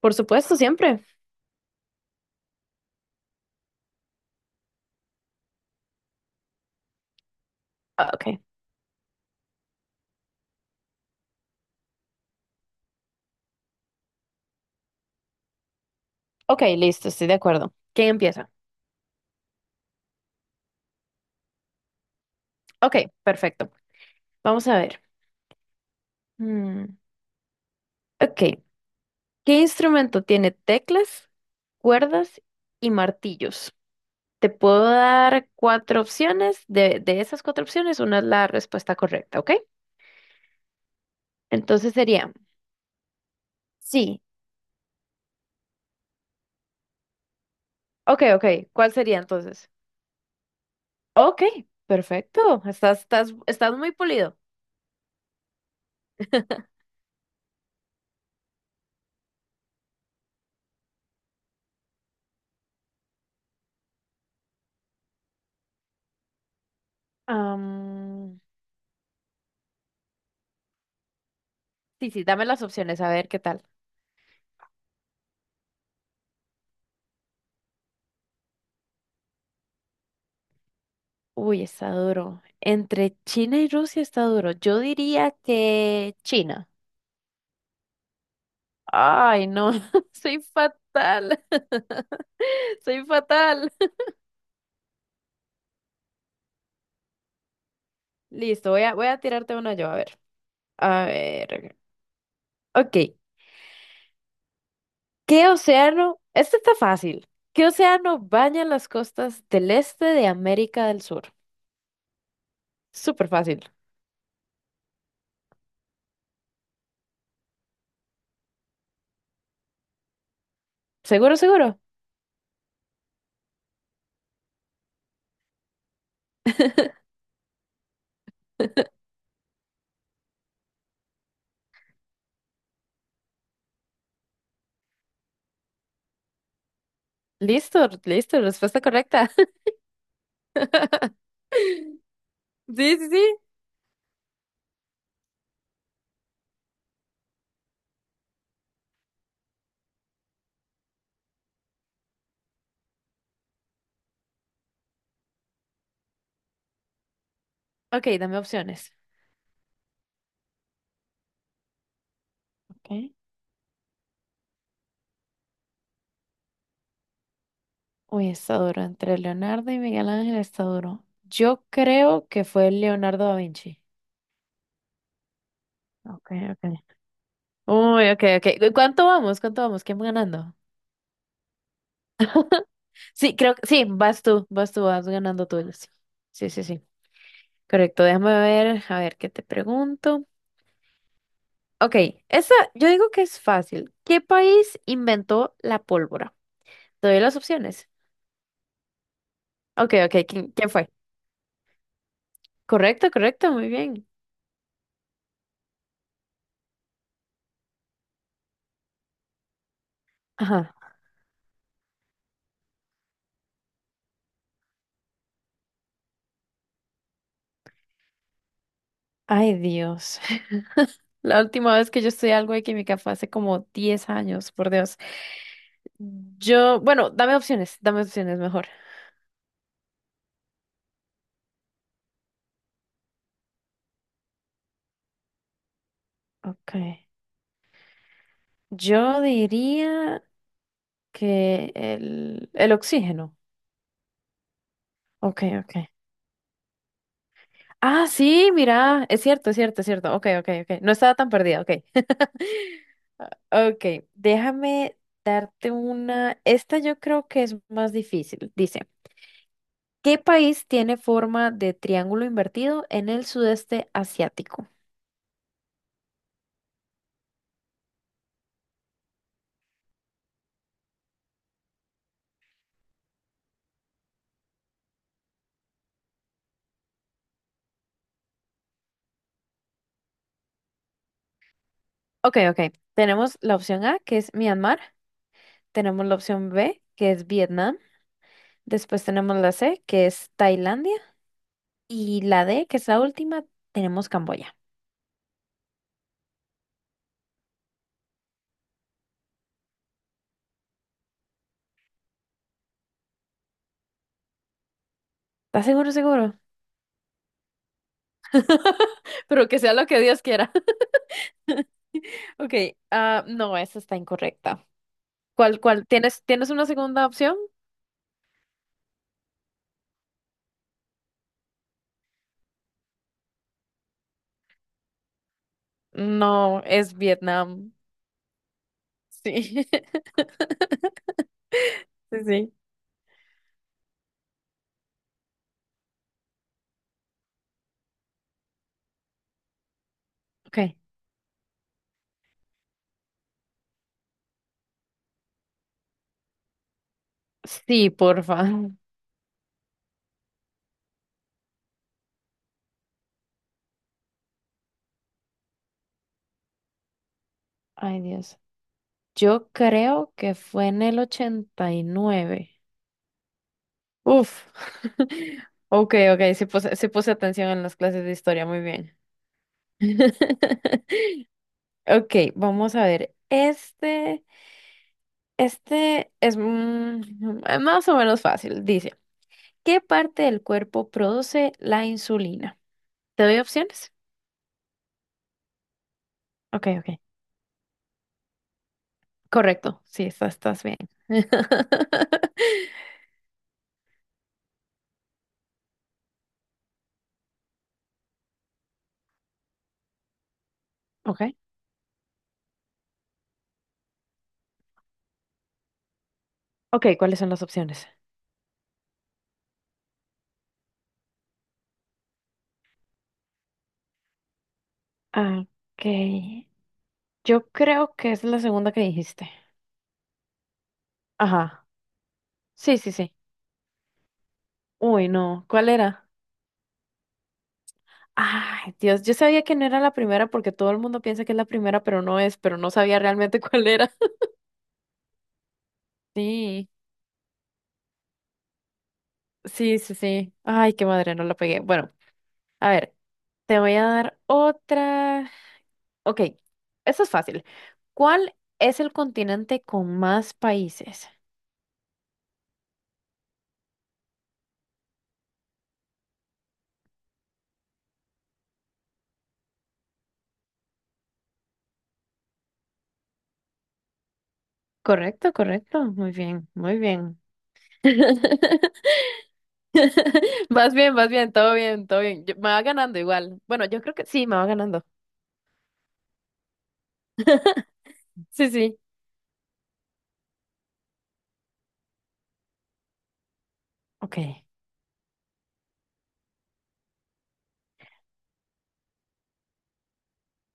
Por supuesto, siempre. Ah, Ok, ok, listo, estoy de acuerdo. ¿Quién empieza? Ok, perfecto. Vamos a ver. Mm, ok, ¿qué instrumento tiene teclas, cuerdas y martillos? Te puedo dar cuatro opciones. De esas cuatro opciones, una es la respuesta correcta, ¿ok? Entonces sería, sí. Ok, ok, ¿cuál sería entonces? Ok, perfecto. Estás muy pulido. Am, sí, sí, dame las opciones, a ver qué tal. Uy, está duro. Entre China y Rusia está duro. Yo diría que China. Ay, no, soy fatal. Soy fatal. Listo, voy a tirarte una yo, a ver. A ver. Ok. ¿Qué océano? Este está fácil. ¿Qué océano baña las costas del este de América del Sur? Súper fácil. Seguro, seguro. Listo, listo, respuesta correcta. Sí, sí, sí. Ok, dame opciones. Ok. Uy, está duro. Entre Leonardo y Miguel Ángel está duro. Yo creo que fue Leonardo da Vinci. Ok, ok. Uy, ok, ok. ¿Cuánto vamos? ¿Cuánto vamos? ¿Quién va ganando? Sí, creo que sí, vas tú, vas tú, vas ganando tú. Sí, sí, sí, sí. Correcto, déjame ver, a ver qué te pregunto. Ok, esa, yo digo que es fácil. ¿Qué país inventó la pólvora? Te doy las opciones. Ok, ok, ¿quién fue? Correcto, correcto, muy bien. Ajá. Ay, Dios. La última vez que yo estudié algo de química fue hace como 10 años, por Dios. Bueno, dame opciones mejor. Okay. Yo diría que el oxígeno. Okay, okay. Ah, sí, mira, es cierto, es cierto, es cierto. Okay, okay, okay. No estaba tan perdida, Okay. Okay. Déjame darte una. Esta yo creo que es más difícil. Dice, ¿qué país tiene forma de triángulo invertido en el sudeste asiático? Ok, ok. Tenemos la opción A, que es Myanmar. Tenemos la opción B, que es Vietnam. Después tenemos la C, que es Tailandia. Y la D, que es la última, tenemos Camboya. ¿Estás seguro, seguro? Pero que sea lo que Dios quiera. Ok, ah, no, esa está incorrecta. ¿Cuál? ¿Tienes una segunda opción? No, es Vietnam. Sí. Sí, sí. Ok. Sí, porfa. Ay, Dios. Yo creo que fue en el 89. Uf. Ok, ok, se puso atención en las clases de historia, muy bien. Ok, vamos a ver. Este es más o menos fácil. Dice, ¿qué parte del cuerpo produce la insulina? ¿Te doy opciones? Ok, ok. Correcto, sí, estás bien. Ok, ok, ¿cuáles son las opciones? Ah, Ok, yo creo que es la segunda que dijiste. Ajá, sí, sí, sí. Uy, no, ¿cuál era? Ay, Dios, yo sabía que no era la primera porque todo el mundo piensa que es la primera, pero no es, pero no sabía realmente cuál era. Sí, sí, sí, sí. Ay, qué madre, no la pegué. Bueno, a ver, te voy a dar otra. Ok, eso es fácil. ¿Cuál es el continente con más países? Correcto, correcto. Muy bien, muy bien. Vas bien, todo bien, todo bien. Me va ganando igual. Bueno, yo creo que sí, me va ganando. Sí, sí. Ok.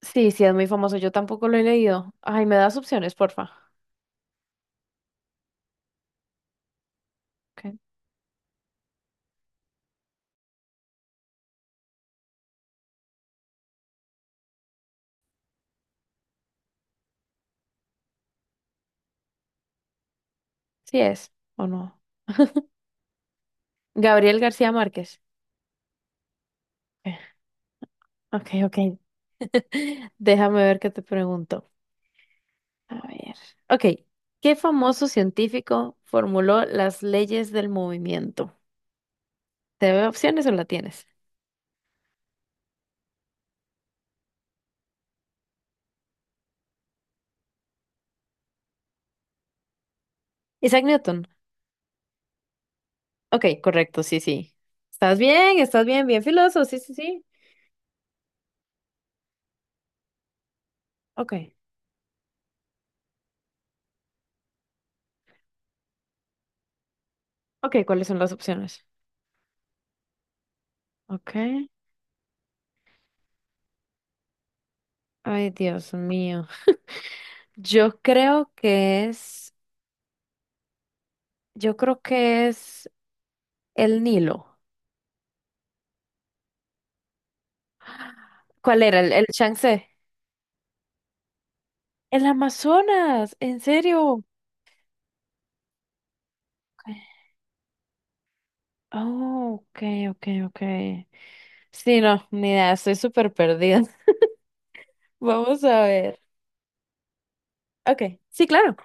Sí, sí, es muy famoso. Yo tampoco lo he leído. Ay, me das opciones, porfa. Ok. Sí es o no. Gabriel García Márquez. Ok, ok. Ok. Déjame ver qué te pregunto. A ver. Ok. ¿Qué famoso científico formuló las leyes del movimiento? ¿Te veo opciones o la tienes? Isaac Newton. Ok, correcto, sí, sí. ¿Estás bien? ¿Estás bien? Bien filoso, sí, sí, sí. Ok. Ok, ¿cuáles son las opciones? Ok. Ay, Dios mío. Yo creo que es. Yo creo que es el Nilo. ¿Cuál era? El Yangtze. El Amazonas, ¿en serio? Oh, ok, ok, ok. Sí, no, ni idea, estoy súper perdida. Vamos a ver. Ok, sí, claro.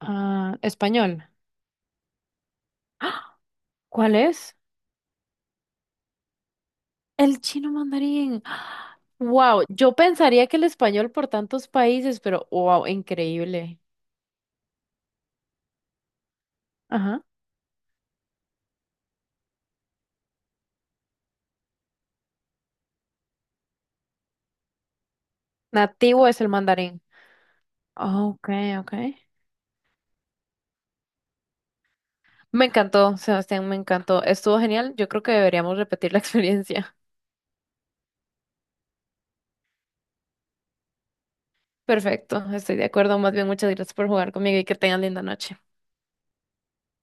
Ah, español. ¡Ah! ¿Cuál es? El chino mandarín. Wow, yo pensaría que el español por tantos países, pero wow, increíble. Ajá. Nativo es el mandarín. Ok, ok. Me encantó, Sebastián, me encantó. Estuvo genial. Yo creo que deberíamos repetir la experiencia. Perfecto, estoy de acuerdo. Más bien, muchas gracias por jugar conmigo y que tengan linda noche.